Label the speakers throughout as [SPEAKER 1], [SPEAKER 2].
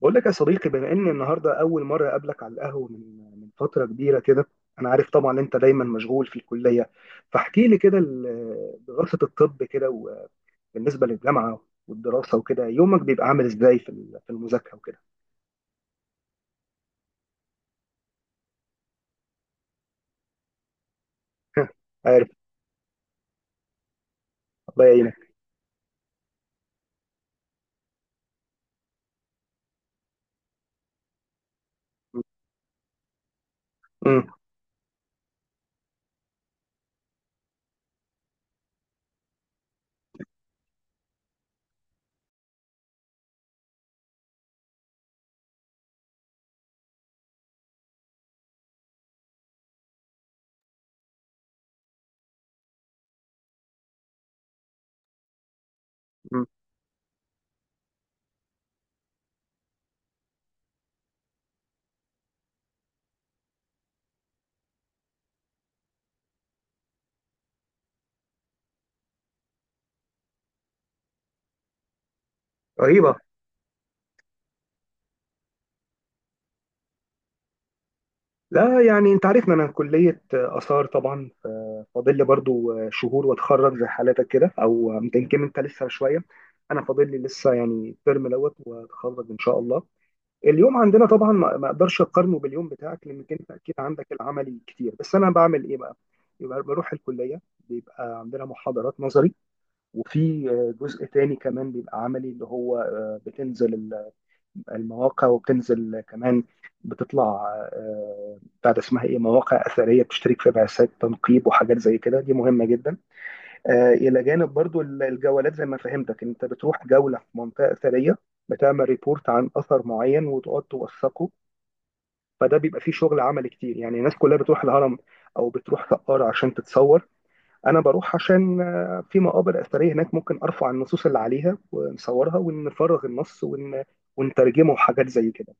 [SPEAKER 1] بقول لك يا صديقي، بما ان النهارده اول مره اقابلك على القهوه من فتره كبيره كده. انا عارف طبعا انت دايما مشغول في الكليه، فاحكي لي كده دراسه الطب كده وبالنسبه للجامعه والدراسه وكده. يومك بيبقى عامل ازاي في في المذاكره وكده؟ عارف. الله يعينك. امم أمم. رهيبه. لا يعني انت عارفنا، انا كليه اثار طبعا، فاضل لي برضو شهور واتخرج زي حالتك كده، او يمكن انت لسه شويه. انا فاضل لي لسه يعني الترم دوت واتخرج ان شاء الله. اليوم عندنا طبعا ما اقدرش اقارنه باليوم بتاعك، لانك انت اكيد عندك العملي كتير، بس انا بعمل ايه بقى. يبقى بروح الكليه، بيبقى عندنا محاضرات نظري، وفي جزء تاني كمان بيبقى عملي اللي هو بتنزل المواقع وبتنزل كمان، بتطلع بتاع ده اسمها ايه، مواقع اثريه، بتشترك في بعثات تنقيب وحاجات زي كده، دي مهمه جدا. الى جانب برضو الجولات، زي ما فهمتك انت بتروح جوله في منطقه اثريه، بتعمل ريبورت عن اثر معين وتقعد توثقه. فده بيبقى فيه شغل عمل كتير. يعني الناس كلها بتروح الهرم او بتروح سقارة عشان تتصور، انا بروح عشان في مقابر اثريه هناك ممكن ارفع النصوص اللي عليها، ونصورها ونترجمه وحاجات زي كده.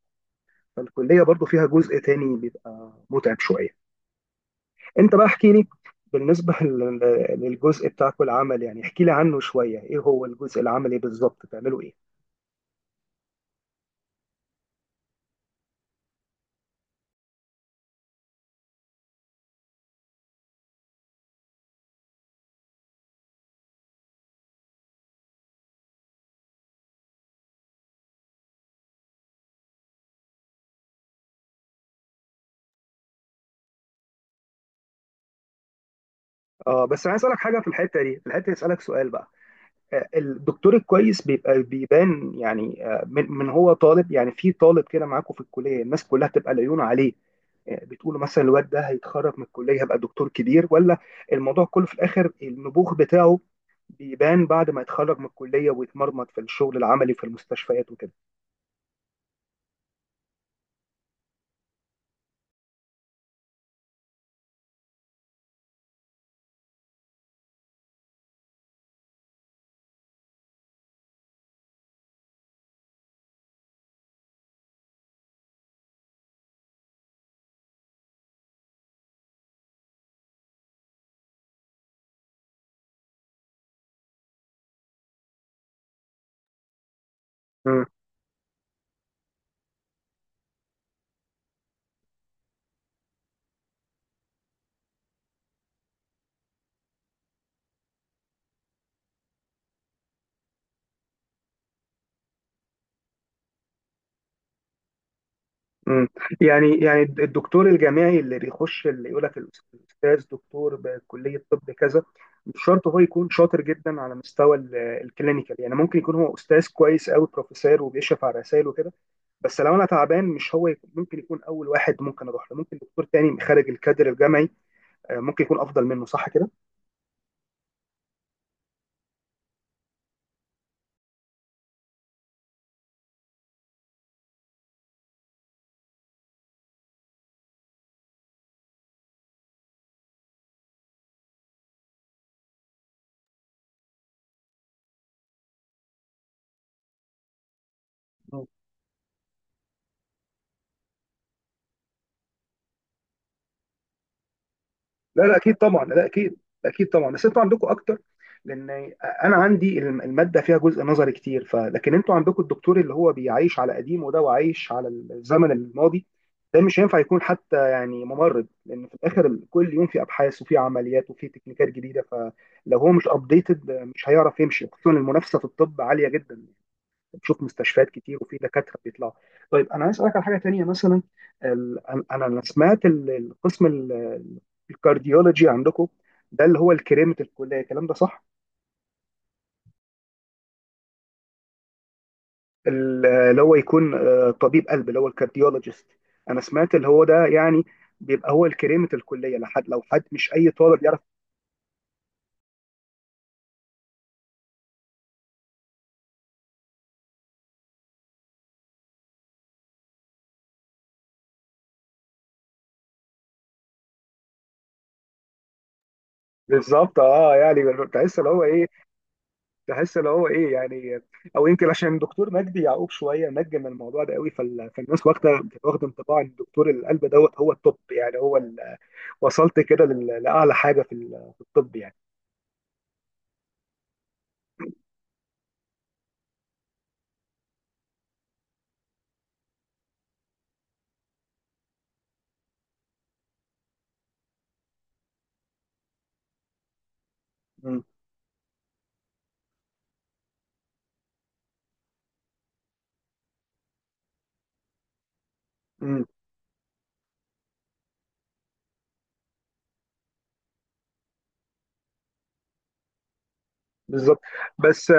[SPEAKER 1] فالكليه برضو فيها جزء تاني بيبقى متعب شويه. انت بقى احكي لي، بالنسبه للجزء بتاعك العمل، يعني احكي لي عنه شويه، ايه هو الجزء العملي بالظبط؟ بتعملوا ايه؟ اه، بس انا عايز اسالك حاجه في الحته دي، اسالك سؤال بقى. الدكتور الكويس بيبقى بيبان يعني من هو طالب، يعني في طالب كده معاكم في الكليه الناس كلها تبقى العيون عليه، بتقولوا مثلا الواد ده هيتخرج من الكليه هيبقى دكتور كبير، ولا الموضوع كله في الاخر النبوغ بتاعه بيبان بعد ما يتخرج من الكليه ويتمرمط في الشغل العملي في المستشفيات وكده؟ مم. يعني الدكتور الجامعي اللي بيخش اللي يقول لك الاستاذ دكتور بكليه طب كذا، مش شرط هو يكون شاطر جدا على مستوى الكلينيكال. يعني ممكن يكون هو استاذ كويس قوي، بروفيسور وبيشرف على رسائل وكده، بس لو انا تعبان مش هو يكون ممكن يكون اول واحد ممكن اروح له، ممكن دكتور تاني خارج الكادر الجامعي ممكن يكون افضل منه، صح كده؟ لا اكيد طبعا، لا اكيد، اكيد طبعا. بس انتوا عندكم اكتر، لان انا عندي الماده فيها جزء نظري كتير ف، لكن انتوا عندكم الدكتور اللي هو بيعيش على قديمه ده وعايش على الزمن الماضي، ده مش هينفع يكون حتى يعني ممرض. لان في الاخر كل يوم في ابحاث وفي عمليات وفي تكنيكات جديده، فلو هو مش ابديتد مش هيعرف يمشي، خصوصا المنافسه في الطب عاليه جدا، بتشوف مستشفيات كتير وفي دكاتره بيطلعوا. طيب انا عايز اسالك على حاجه تانيه مثلا، أنا سمعت القسم الكارديولوجي عندكم ده اللي هو الكريمه الكليه، الكلام ده صح؟ اللي هو يكون طبيب قلب اللي هو الكارديولوجيست، انا سمعت اللي هو ده يعني بيبقى هو الكريمه الكليه لحد، لو حد مش اي طالب يعرف. بالظبط، اه يعني تحس اللي هو ايه، تحس اللي هو ايه يعني او يمكن عشان دكتور مجدي يعقوب شويه نجم الموضوع ده قوي فالناس واخده انطباع ان دكتور القلب دوت هو التوب، يعني هو وصلت كده لاعلى حاجه في في الطب يعني. امم امم. بالظبط. بس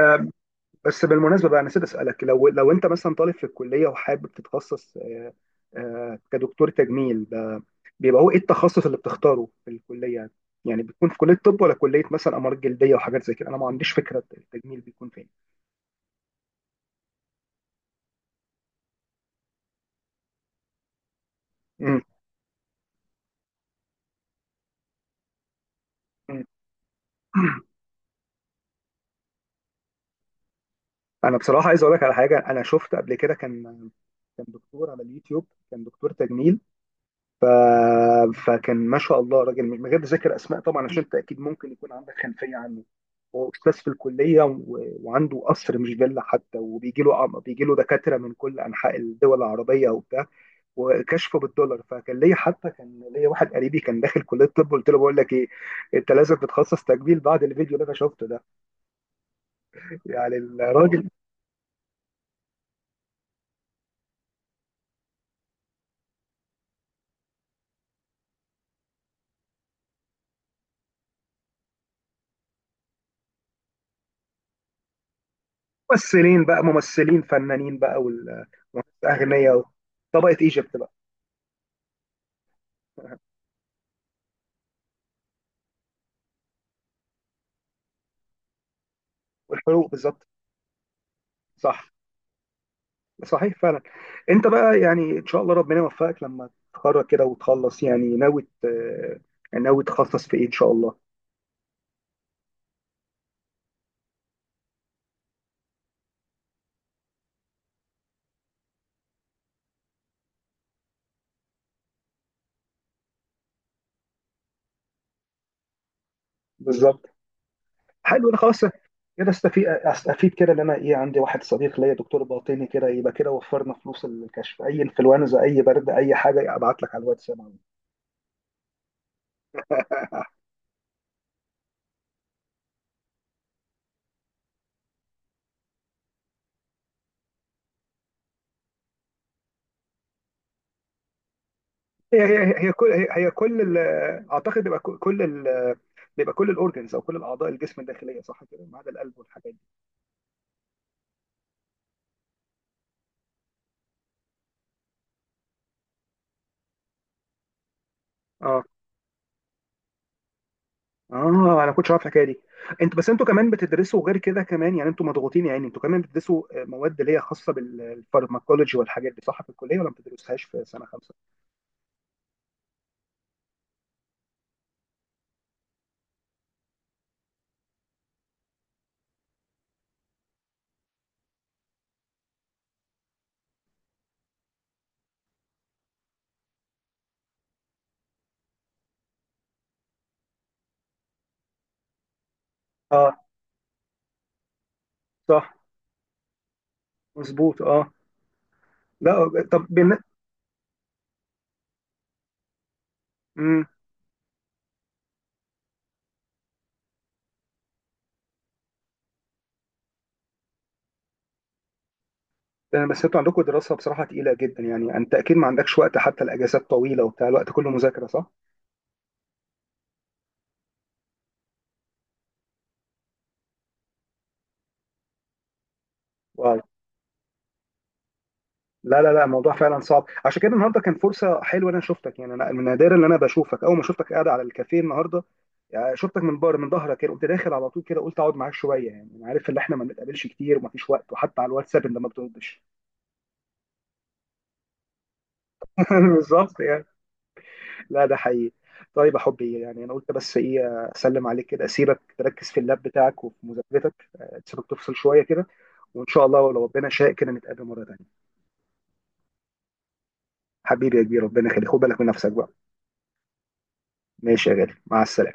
[SPEAKER 1] بس بالمناسبه بقى، أنا نسيت اسالك، لو انت مثلا طالب في الكليه وحابب تتخصص كدكتور تجميل ده، بيبقى هو ايه التخصص اللي بتختاره في الكليه؟ يعني بتكون في كليه طب، ولا كليه مثلا امراض جلديه وحاجات زي كده؟ انا ما عنديش فكره التجميل بيكون فين. مم. انا بصراحه عايز اقول لك على حاجه، انا شفت قبل كده كان دكتور على اليوتيوب، كان دكتور تجميل، فكان ما شاء الله راجل، من غير ذكر اسماء طبعا عشان انت اكيد ممكن يكون عندك خلفيه عنه، هو استاذ في الكليه وعنده قصر مش فيلا حتى، وبيجي له بيجي له دكاتره من كل انحاء الدول العربيه وبتاع، وكشفه بالدولار. فكان ليا حتى، كان ليا واحد قريبي كان داخل كليه طب، قلت له بقول لك ايه، انت لازم تتخصص تجميل بعد الفيديو اللي انا شفته ده، يعني الراجل. ممثلين بقى، ممثلين فنانين بقى، اغنياء أوي. طبقه ايجيبت بقى. والحروق بالظبط. صح. صحيح فعلا. انت بقى يعني ان شاء الله ربنا يوفقك لما تتخرج كده وتخلص، يعني يعني ناوي تخصص في ايه ان شاء الله؟ بالظبط. حلو، انا خلاص كده، استفيد كده، ان انا ايه، عندي واحد صديق ليا دكتور باطني كده، يبقى كده وفرنا فلوس الكشف، اي انفلونزا اي برد اي حاجه ابعت لك على الواتساب على طول. هي هي هي كل هي هي كل اعتقد بيبقى كل بيبقى كل الاورجنز، او كل الاعضاء الجسم الداخليه، صح كده، ما عدا القلب والحاجات. اه. اه انا كنتش عارف الحكايه دي. انتوا بس انتوا كمان بتدرسوا غير كده كمان، يعني انتوا مضغوطين. يعني انتوا كمان بتدرسوا مواد اللي هي خاصه بالفارماكولوجي والحاجات دي، صح في الكليه ولا ما بتدرسوهاش في سنه 5؟ اه. صح. مظبوط اه. لا طب مم. بس انتوا عندكم دراسه بصراحه تقيله جدا، يعني انت اكيد ما عندكش وقت، حتى الاجازات طويله وبتاع الوقت كله مذاكره، صح؟ واو. لا الموضوع فعلا صعب. عشان كده النهارده كان فرصه حلوه إن انا شفتك، يعني انا من نادرا ان انا بشوفك، اول ما شفتك قاعد على الكافيه النهارده يعني، شفتك من بره من ظهرك كده، قمت داخل على طول كده، قلت اقعد معاك شويه، يعني انا عارف ان احنا ما بنتقابلش كتير ومفيش وقت، وحتى على الواتساب انت ما بتردش. بالظبط يعني. لا ده حقيقي. طيب يا حبي، يعني انا قلت بس ايه، اسلم عليك كده، اسيبك تركز في اللاب بتاعك وفي مذاكرتك، تسيبك تفصل شويه كده، وان شاء الله لو ربنا شاء كده نتقابل مره تانيه. حبيبي يا كبير، ربنا يخليك، خد بالك من نفسك بقى. ماشي يا غالي، مع السلامه.